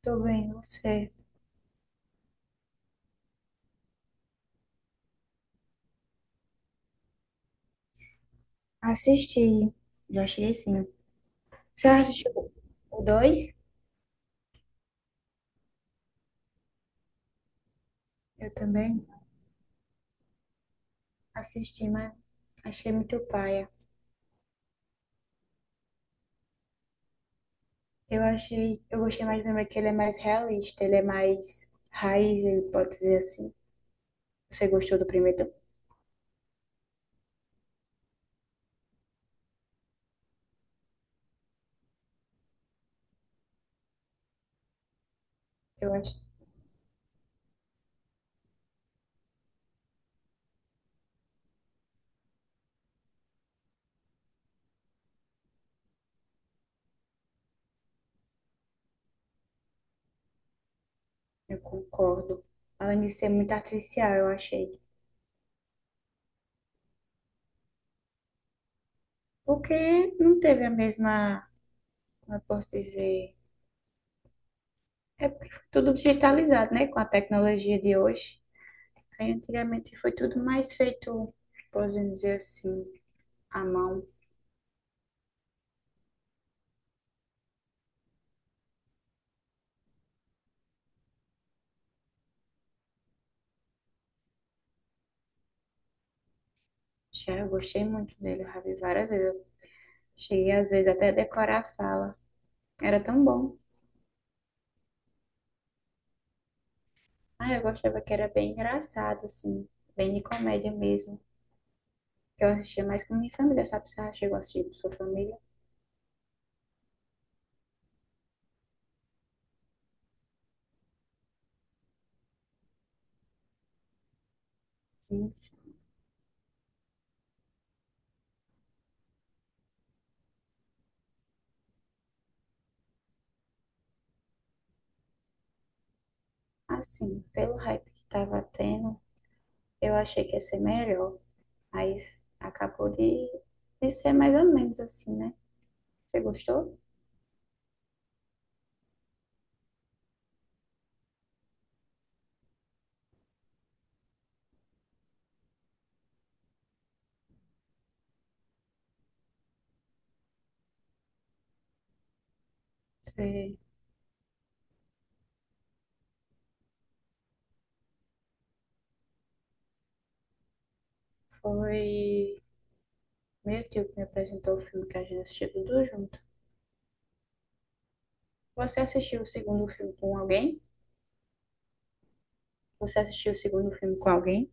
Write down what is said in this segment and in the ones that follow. Tô bem, você. Assisti. Já achei, sim. Você assistiu? O dois. Eu também assisti, mas achei muito paia. Eu gostei mais do primeiro, que ele é mais realista, ele é mais raiz, ele pode dizer assim. Você gostou do primeiro? Eu acho, eu concordo. Além de ser muito artificial, eu achei. Porque não teve a mesma, como eu posso dizer? É porque foi tudo digitalizado, né? Com a tecnologia de hoje. Aí antigamente foi tudo mais feito, podemos dizer assim, à mão. Já eu gostei muito dele, eu já vi várias vezes. Eu cheguei às vezes até a decorar a fala. Era tão bom. Ah, eu gostava que era bem engraçado, assim, bem de comédia mesmo. Que eu assistia mais com minha família, sabe? Você já chegou a assistir com sua família? Enfim. Assim, pelo hype que tava tendo, eu achei que ia ser melhor. Mas acabou de ser mais ou menos assim, né? Você gostou? Você foi meu tio que me apresentou o filme, que a gente assistiu tudo junto. Você assistiu o segundo filme com alguém? Você assistiu o segundo filme com alguém?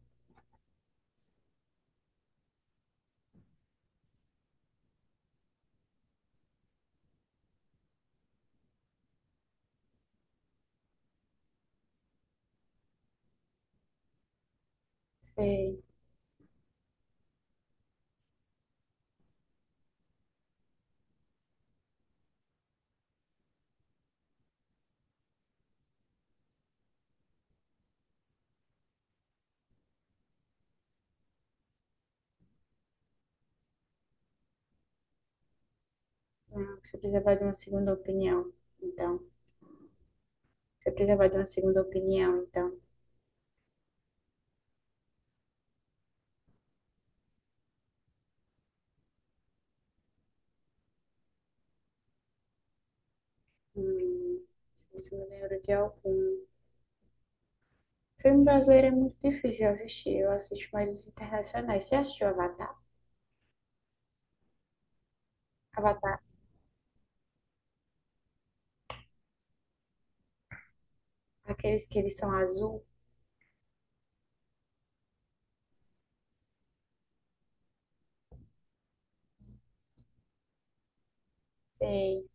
Sei. Não, você precisava de uma segunda opinião. Então, você precisava de uma segunda opinião. Então, hum, isso me lembro de algum. Filme brasileiro é muito difícil eu assistir. Eu assisto mais os internacionais. Você assistiu Avatar? Avatar, aqueles que eles são azul? Sei.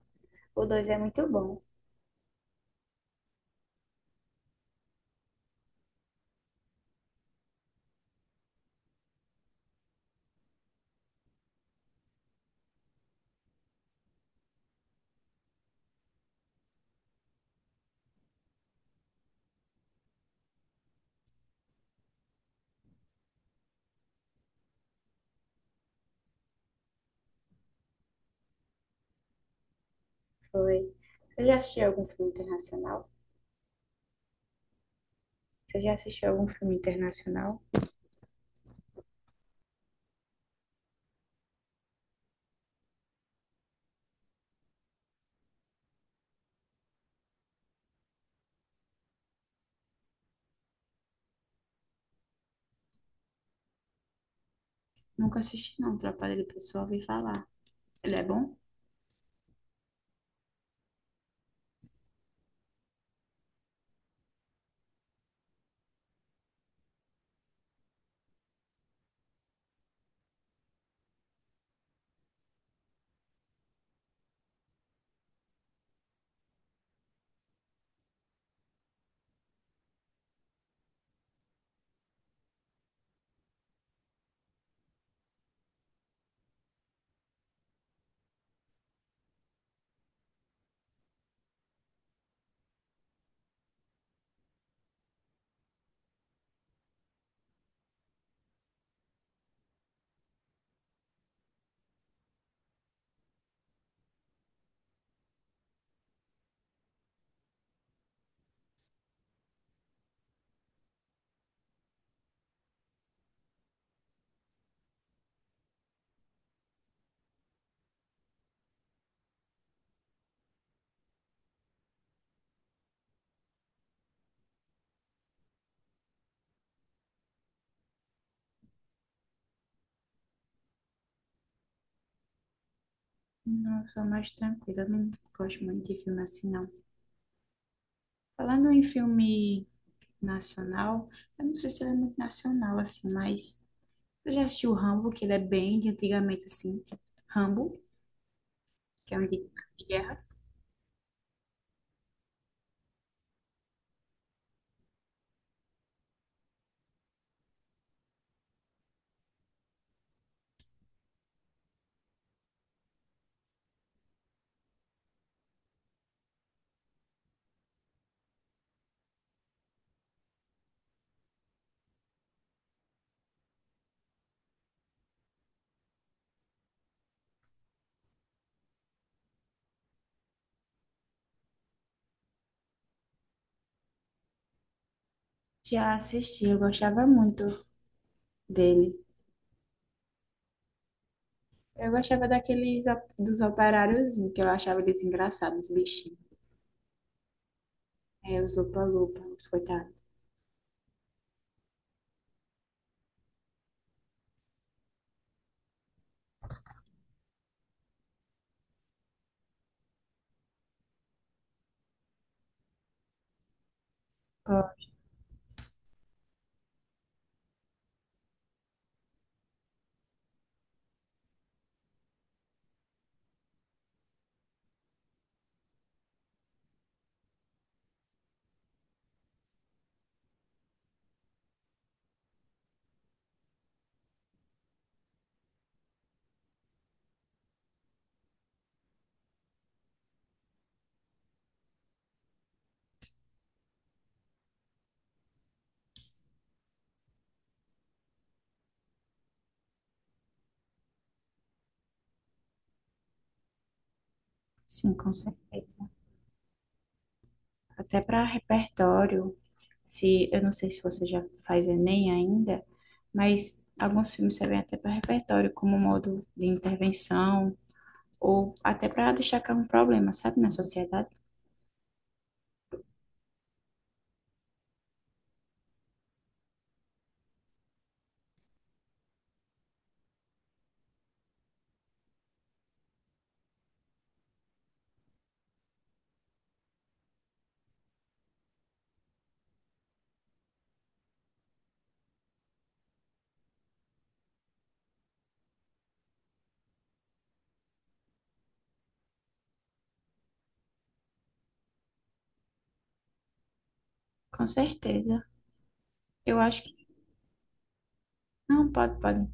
O dois é muito bom. Foi. Você já assistiu algum filme internacional? Você já assistiu algum filme internacional? Nunca assisti, não. Trapalhado pessoal, ouvi falar. Ele é bom? Não, eu sou mais tranquila. Eu não gosto muito de filme assim, não. Falando em filme nacional, eu não sei se ele é muito nacional, assim, mas eu já assisti o Rambo, que ele é bem de antigamente, assim. Rambo, que é um de guerra. Já assisti, eu gostava muito dele. Eu gostava daqueles op- dos operáriozinhos, que eu achava eles engraçados, os bichinhos. É, os lupa-lupa, os coitados. Sim, com certeza. Até para repertório, se eu não sei se você já faz Enem ainda, mas alguns filmes servem até para repertório, como modo de intervenção, ou até para destacar um problema, sabe, na sociedade. Com certeza. Eu acho que. Não, pode, pode.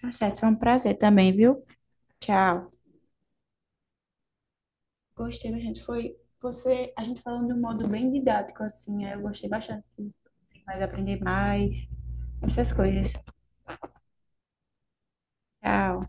Tá certo, foi um prazer também, viu? Tchau. Gostei, a gente foi você, a gente falando de um modo bem didático, assim, eu gostei bastante. Mas aprender mais, essas coisas. Tchau.